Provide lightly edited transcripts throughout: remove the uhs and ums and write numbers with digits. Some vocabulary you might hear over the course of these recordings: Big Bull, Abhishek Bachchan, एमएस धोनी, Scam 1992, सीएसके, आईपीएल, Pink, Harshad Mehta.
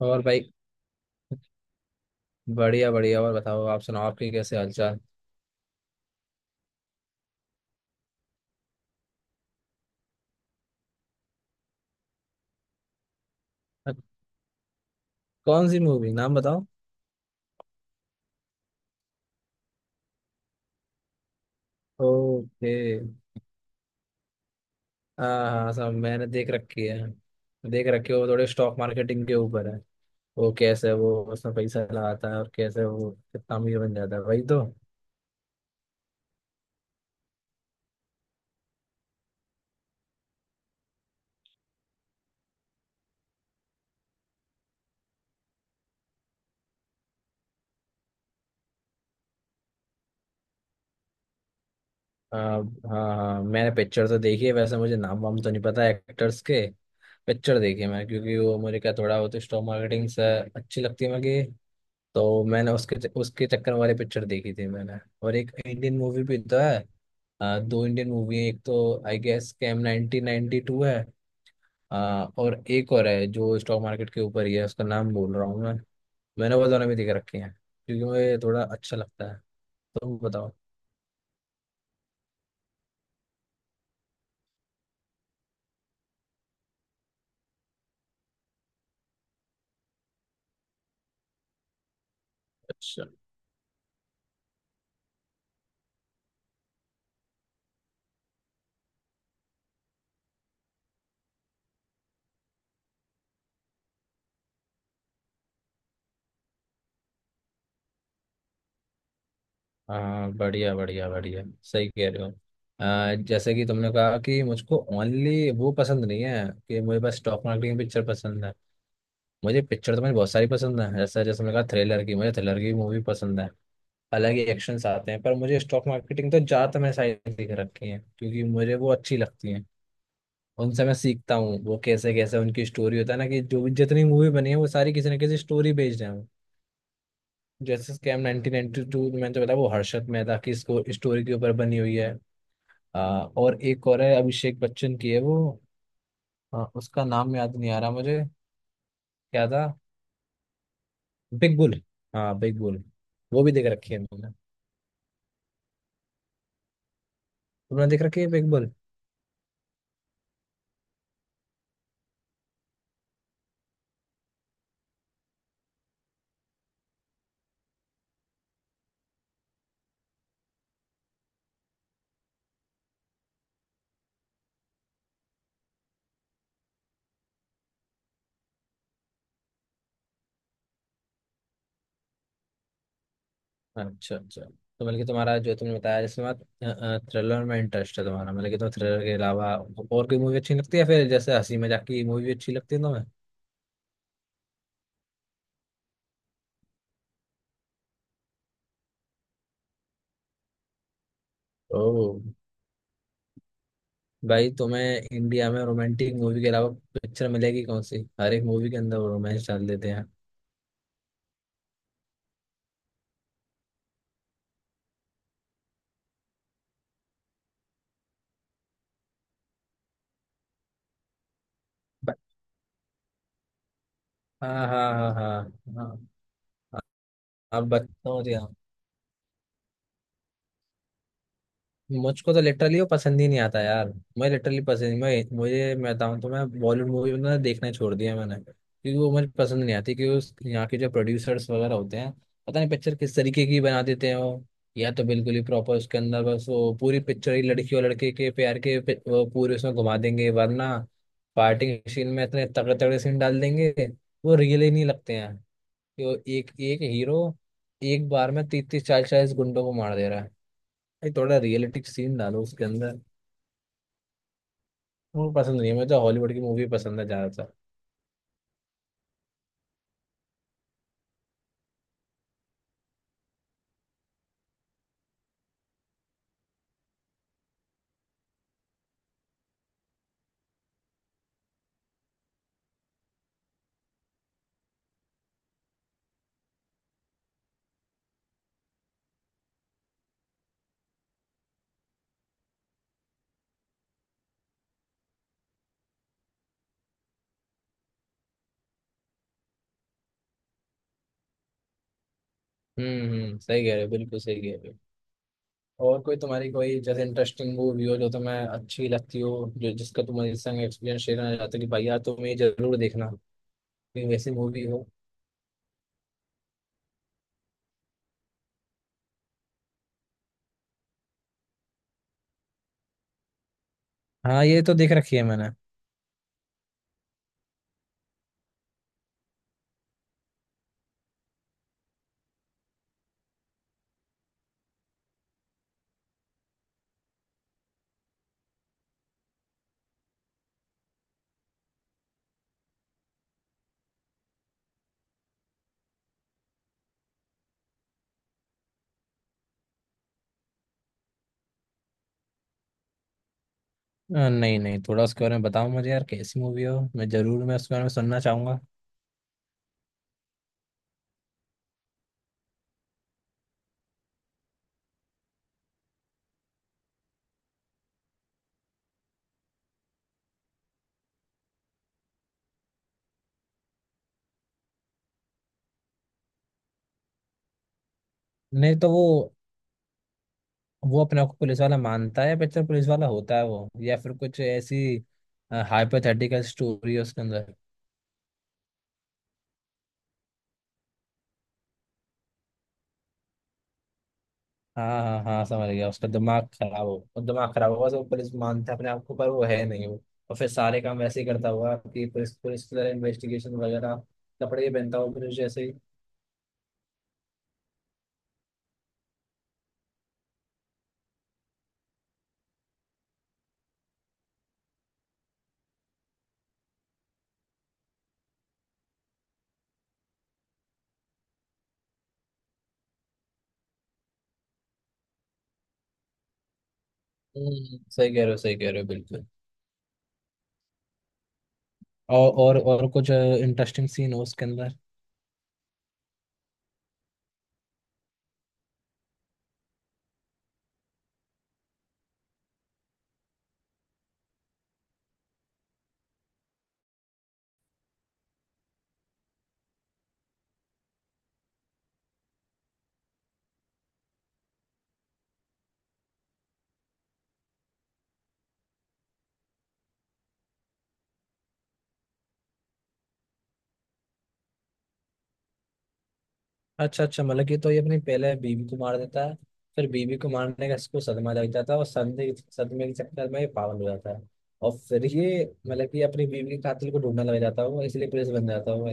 और भाई, बढ़िया बढ़िया। और बताओ, आप सुनाओ, आपके कैसे हालचाल? अ, कौन सी मूवी, नाम बताओ? ओके। हाँ हाँ, सब मैंने देख रखी है। देख रखी है, वो थोड़े स्टॉक मार्केटिंग के ऊपर है। वो कैसे वो उसमें पैसा लगाता है और कैसे वो कितना अमीर बन जाता है, वही तो। हाँ हाँ, मैंने पिक्चर तो देखी है। वैसे मुझे नाम वाम तो नहीं पता एक्टर्स के। पिक्चर देखी है मैंने, क्योंकि वो मेरे का थोड़ा वो तो स्टॉक मार्केटिंग से अच्छी लगती है मुझे। तो मैंने उसके उसके चक्कर वाले पिक्चर देखी थी मैंने। और एक इंडियन मूवी भी तो है। दो इंडियन मूवी है। एक तो आई गेस कैम 1992 है। अ, और एक और है जो स्टॉक मार्केट के ऊपर ही है, उसका नाम बोल रहा हूँ मैं। मैंने वो दोनों भी देख रखे हैं, क्योंकि मुझे थोड़ा अच्छा लगता है। तुम बताओ। अच्छा। हाँ, बढ़िया बढ़िया बढ़िया, सही कह रहे हो। जैसे कि तुमने कहा कि मुझको ओनली वो पसंद नहीं है कि मुझे बस स्टॉक मार्केट की पिक्चर पसंद है। मुझे पिक्चर तो मुझे बहुत सारी पसंद है। जैसे जैसे मैंने कहा, थ्रिलर की, मुझे थ्रिलर की मूवी पसंद है। अलग ही एक्शंस आते हैं। पर मुझे स्टॉक मार्केटिंग तो ज़्यादातर मैंने सारी देख रखी है, क्योंकि मुझे वो अच्छी लगती है। उनसे मैं सीखता हूँ, वो कैसे कैसे उनकी स्टोरी होता है ना, कि जो भी जितनी मूवी बनी है वो सारी किसी ना किसी स्टोरी बेस्ड है। जैसे स्कैम 1992 मैंने तो बताया, वो हर्षद मेहता की स्टोरी के ऊपर बनी हुई है। आ, और एक और है, अभिषेक बच्चन की है वो। उसका नाम याद नहीं आ रहा मुझे। क्या था? Big Bull. हाँ, बिग बुल। वो भी देख रखी है मैंने। तुमने देख रखी है पिंक? अच्छा अच्छा। तो मतलब कि तुम्हारा जो तुमने बताया, जैसे तुम्हारा थ्रिलर में इंटरेस्ट है, तुम्हारा मतलब कि तुम्हें थ्रिलर के अलावा और कोई मूवी अच्छी लगती है फिर? जैसे हंसी मजाक की मूवी अच्छी लगती है तुम्हें? ओ भाई, तुम्हें इंडिया में रोमांटिक मूवी के अलावा पिक्चर मिलेगी कौन सी? हर एक मूवी के अंदर रोमांस डाल देते हैं। ब- हाँ हाँ हाँ हाँ हाँ। आप बताओ मुझे। मुझको तो लिटरली वो पसंद ही नहीं आता यार। मैं लिटरली पसंद मैं, मुझे, मैं बताऊँ तो मैं बॉलीवुड मूवी ना देखना छोड़ दिया मैंने, क्योंकि वो मुझे पसंद नहीं आती। क्योंकि यहाँ के जो प्रोड्यूसर्स वगैरह होते हैं, पता नहीं पिक्चर किस तरीके की बना देते हैं वो। या तो बिल्कुल ही प्रॉपर उसके अंदर बस वो पूरी पिक्चर ही लड़की और लड़के के प्यार के वो पूरे उसमें घुमा देंगे, वरना पार्टी सीन में इतने तगड़े तगड़े सीन डाल देंगे, वो रियल ही नहीं लगते हैं। कि वो एक एक हीरो एक बार में तीस तीस चालीस चालीस गुंडों को मार दे रहा है। भाई, थोड़ा रियलिटिक सीन डालो उसके अंदर। मुझे पसंद नहीं है। मैं तो हॉलीवुड की मूवी पसंद है ज्यादातर। हम्म, सही कह रहे हो, बिल्कुल सही कह रहे हो। और कोई तुम्हारी कोई जैसे इंटरेस्टिंग मूवी हो जो तुम्हें अच्छी लगती हो, जो जिसका तुम मेरे संग एक्सपीरियंस शेयर करना चाहते हो कि भाई यार तुम ये जरूर देखना, कोई वैसी मूवी हो? हाँ, ये तो देख रखी है मैंने। नहीं नहीं, थोड़ा उसके बारे में बताओ मुझे यार, कैसी मूवी हो, मैं जरूर मैं उसके बारे में सुनना चाहूंगा। नहीं तो वो अपने आप को पुलिस वाला मानता है पिक्चर? पुलिस वाला होता है वो, या फिर कुछ ऐसी हाइपोथेटिकल स्टोरी है उसके अंदर? हाँ हाँ हाँ, समझ गया। उसका दिमाग खराब हो, और दिमाग खराब हुआ तो पुलिस मानता है अपने आप को, पर वो है नहीं वो। और फिर सारे काम वैसे ही करता हुआ कि पुलिस, पुलिस की तरह इन्वेस्टिगेशन वगैरह, कपड़े ही पहनता हुआ पुलिस जैसे ही। सही कह रहे हो, सही कह रहे हो, बिल्कुल। और कुछ इंटरेस्टिंग सीन हो उसके अंदर? अच्छा अच्छा, मतलब कि तो ये अपनी पहले बीवी को मार देता है, फिर बीवी को मारने का इसको सदमा लग जाता है, और सदमे सदमे के चक्कर में ये पागल हो जाता है, और फिर ये मतलब कि अपनी बीवी के कातिल को ढूंढने लग जाता है वो, इसलिए पुलिस बन जाता है वो।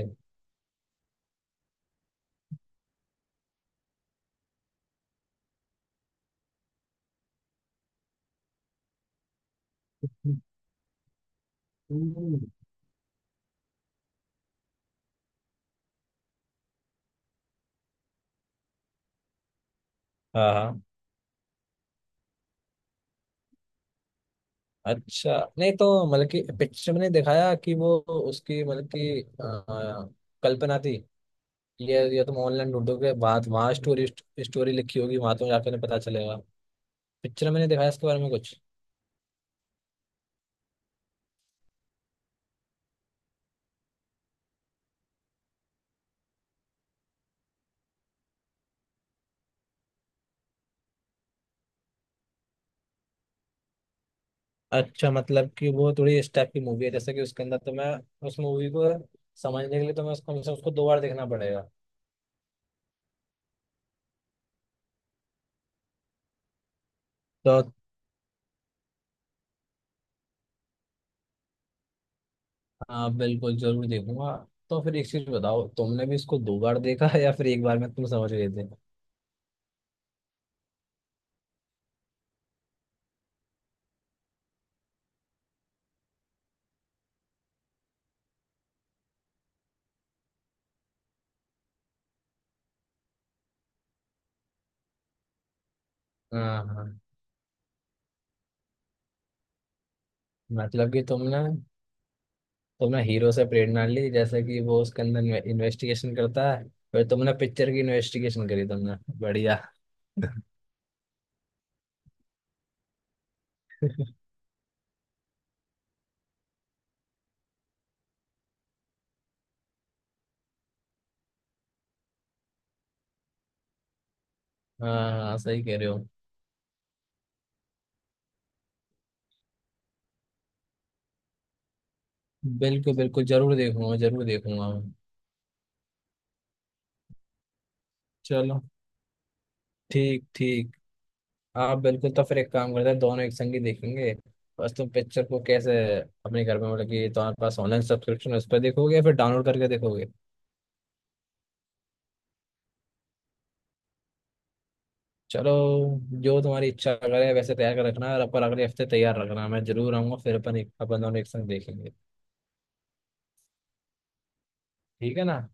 हम्म। हाँ हाँ। अच्छा, नहीं तो मतलब कि पिक्चर में नहीं दिखाया कि वो उसकी मतलब कि कल्पना थी? ये तुम ऑनलाइन ढूंढोगे बात, वहाँ स्टोरी, स्टोरी लिखी होगी वहां, तुम्हें जाकर पता चलेगा। पिक्चर में नहीं दिखाया इसके बारे में कुछ? अच्छा, मतलब कि वो थोड़ी इस टाइप की मूवी है, जैसे कि उसके अंदर तो मैं, उस मूवी को समझने के लिए तो मैं उसको कम से कम उसको दो बार देखना पड़ेगा। तो हाँ, बिल्कुल जरूर देखूंगा। तो फिर एक चीज बताओ, तुमने भी इसको दो बार देखा है या फिर एक बार में तुम समझ गए थे? हाँ हाँ, मतलब कि तुमने तुमने हीरो से प्रेरणा ली, जैसे कि वो उसके अंदर इन्वेस्टिगेशन करता है, फिर तुमने पिक्चर की इन्वेस्टिगेशन करी तुमने। बढ़िया। हाँ हाँ, सही कह रहे हो, बिल्कुल बिल्कुल। जरूर देखूंगा, जरूर देखूंगा मैं। चलो, ठीक ठीक। हाँ बिल्कुल, तो फिर एक काम करते हैं, दोनों एक संग ही देखेंगे। बस तुम पिक्चर को कैसे अपने घर में, मतलब कि तुम्हारे पास ऑनलाइन सब्सक्रिप्शन है, उस पर देखोगे या फिर डाउनलोड करके देखोगे? चलो, जो तुम्हारी इच्छा करे वैसे तैयार कर रखना, और अपन अगले हफ्ते तैयार रखना, मैं जरूर आऊंगा, फिर अपन एक अपन दोनों एक संग देखेंगे। ठीक है ना?